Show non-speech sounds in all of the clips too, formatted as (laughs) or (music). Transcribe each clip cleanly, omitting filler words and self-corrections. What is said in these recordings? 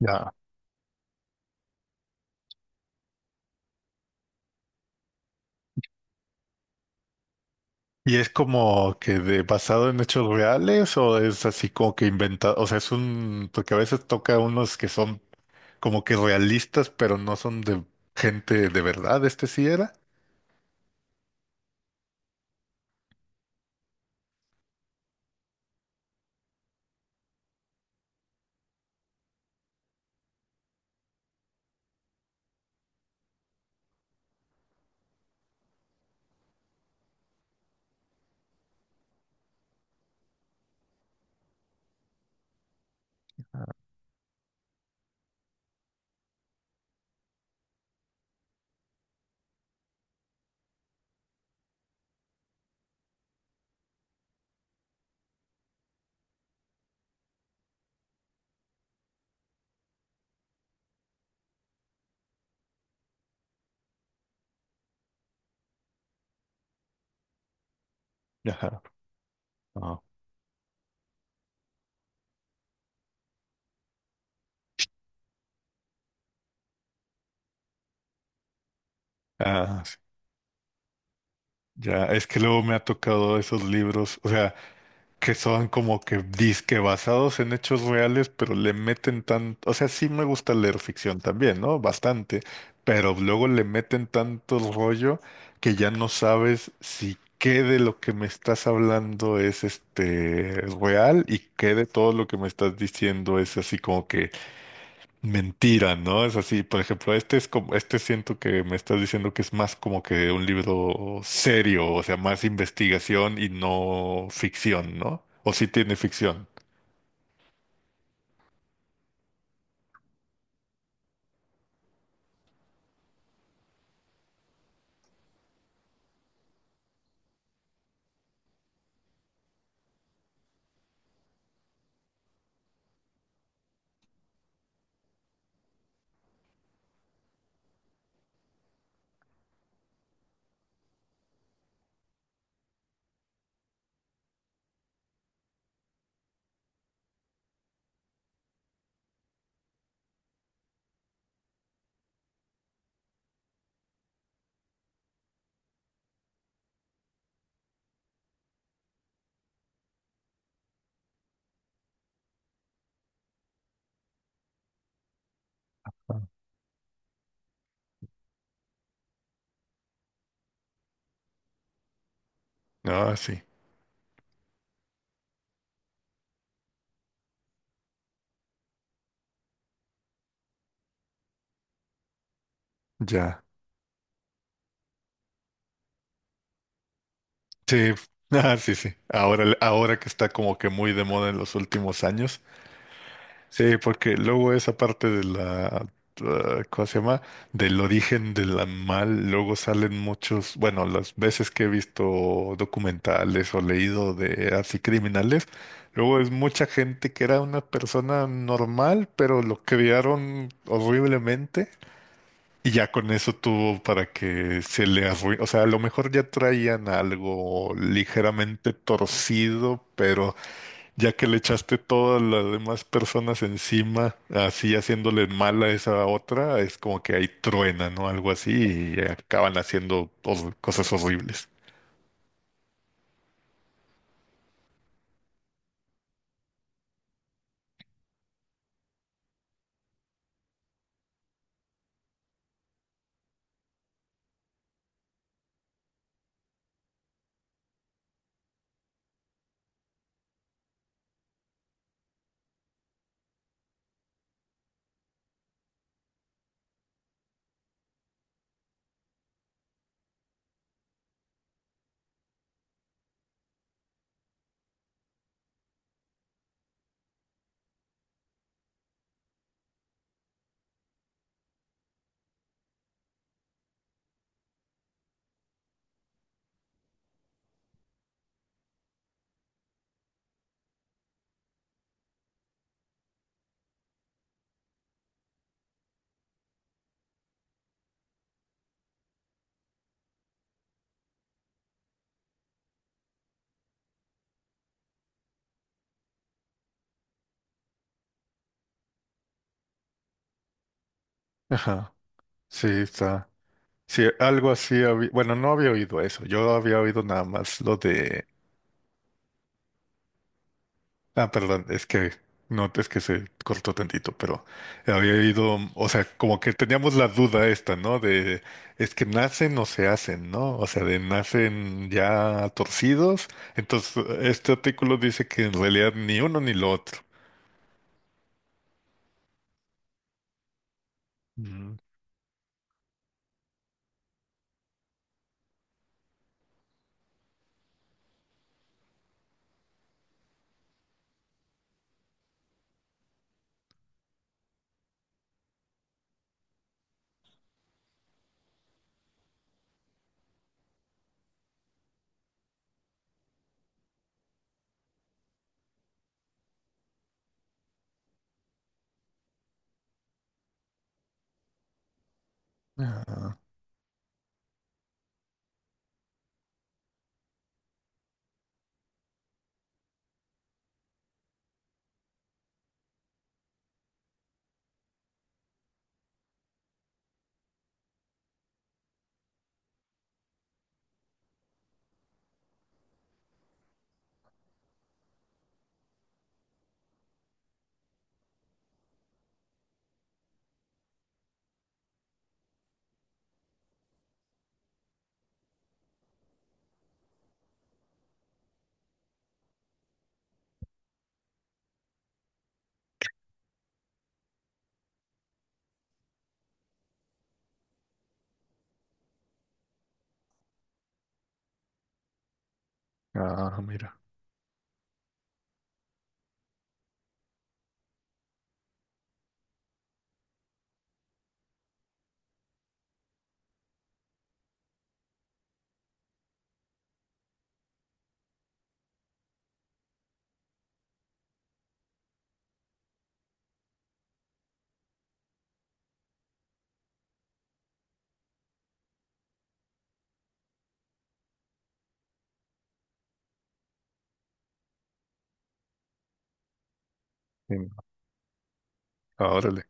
Ya. ¿Y es como que de, basado en hechos reales o es así como que inventado? O sea, es un, porque a veces toca unos que son como que realistas, pero no son de gente de verdad, este sí era. Ajá. Ah, sí. Ya, es que luego me ha tocado esos libros, o sea. Que son como que disque basados en hechos reales, pero le meten tanto, o sea, sí me gusta leer ficción también, ¿no? Bastante, pero luego le meten tanto rollo que ya no sabes si qué de lo que me estás hablando es este real y qué de todo lo que me estás diciendo es así como que mentira, ¿no? Es así, por ejemplo, este es como, este siento que me estás diciendo que es más como que un libro serio, o sea, más investigación y no ficción, ¿no? O sí tiene ficción. Ah, sí, ya. Sí, (laughs) ah, sí, sí. Ahora, ahora que está como que muy de moda en los últimos años. Sí, porque luego esa parte de la, ¿cómo se llama? Del origen del animal, luego salen muchos, bueno, las veces que he visto documentales o leído de así criminales, luego es mucha gente que era una persona normal, pero lo criaron horriblemente y ya con eso tuvo para que se le arruine, o sea, a lo mejor ya traían algo ligeramente torcido, pero... Ya que le echaste todas las demás personas encima, así haciéndole mal a esa otra, es como que ahí truena, ¿no? Algo así y acaban haciendo cosas horribles. Ajá, sí, está. Sí, algo así había, bueno, no había oído eso, yo había oído nada más lo de... Ah, perdón, es que no, es que se cortó tantito, pero había ido, o sea, como que teníamos la duda esta, ¿no? De, es que nacen o se hacen, ¿no? O sea, de nacen ya torcidos. Entonces, este artículo dice que en realidad ni uno ni lo otro. Mm. Ah, ah, mira. Sí. Ah, órale.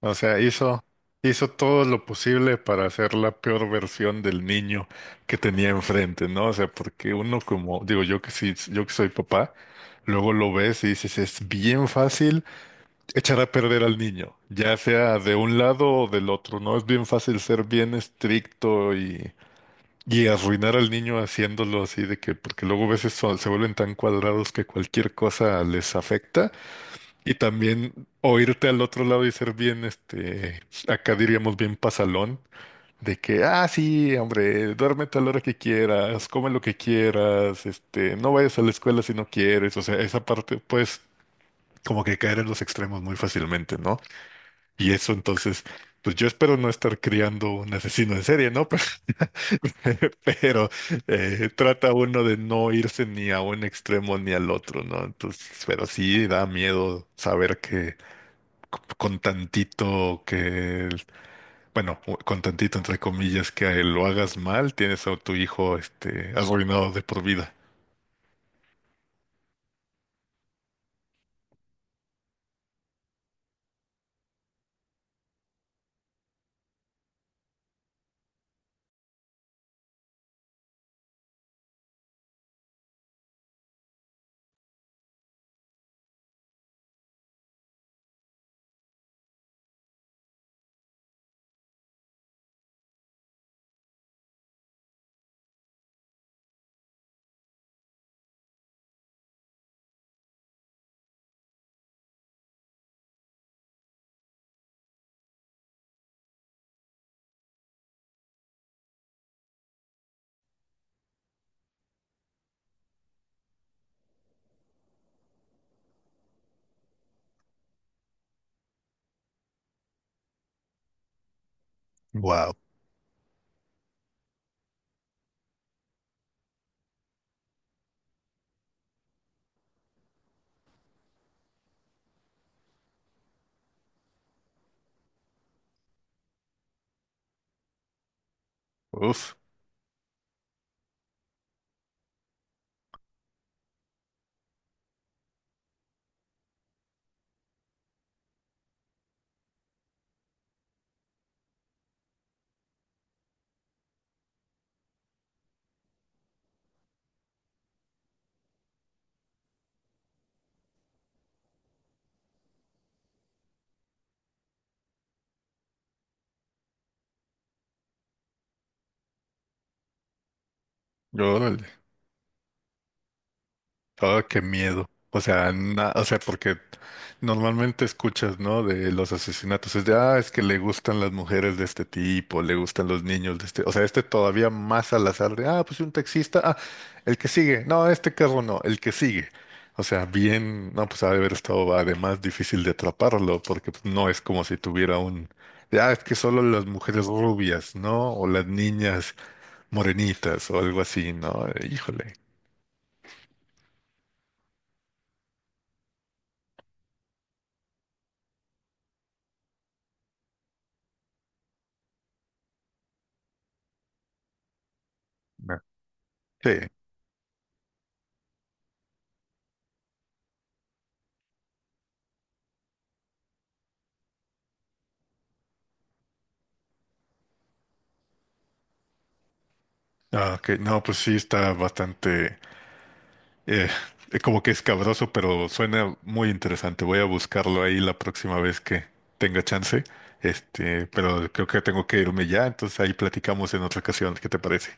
O sea, hizo todo lo posible para hacer la peor versión del niño que tenía enfrente, ¿no? O sea, porque uno como, digo, yo que sí, yo que soy papá, luego lo ves y dices, es bien fácil echar a perder al niño, ya sea de un lado o del otro, ¿no? Es bien fácil ser bien estricto y arruinar al niño haciéndolo así de que, porque luego a veces se vuelven tan cuadrados que cualquier cosa les afecta. Y también oírte al otro lado y ser bien, este, acá diríamos bien pasalón, de que, ah, sí, hombre, duérmete a la hora que quieras, come lo que quieras, este, no vayas a la escuela si no quieres, o sea, esa parte, pues, como que caer en los extremos muy fácilmente, ¿no? Y eso entonces, pues yo espero no estar criando un asesino en serie, ¿no? (laughs) Pero trata uno de no irse ni a un extremo ni al otro, ¿no? Entonces, pero sí da miedo saber que con tantito que, bueno, con tantito entre comillas que a él lo hagas mal, tienes a tu hijo este arruinado de por vida. Wow. Uf, órale. Oh, qué miedo. O sea, o sea, porque normalmente escuchas, ¿no? De los asesinatos. Es de, ah, es que le gustan las mujeres de este tipo, le gustan los niños de este. O sea, este todavía más al azar de, ah, pues un taxista, ah, el que sigue. No, este carro no, el que sigue. O sea, bien, no, pues ha de haber estado además difícil de atraparlo, porque pues, no es como si tuviera un, de, ah, es que solo las mujeres rubias, ¿no? O las niñas morenitas o algo así, ¿no? Híjole. No. Sí. Ah, ok. No, pues sí, está bastante, eh, como que escabroso, pero suena muy interesante. Voy a buscarlo ahí la próxima vez que tenga chance. Este, pero creo que tengo que irme ya, entonces ahí platicamos en otra ocasión. ¿Qué te parece?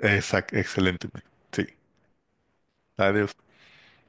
Exacto, excelente. Sí. Adiós.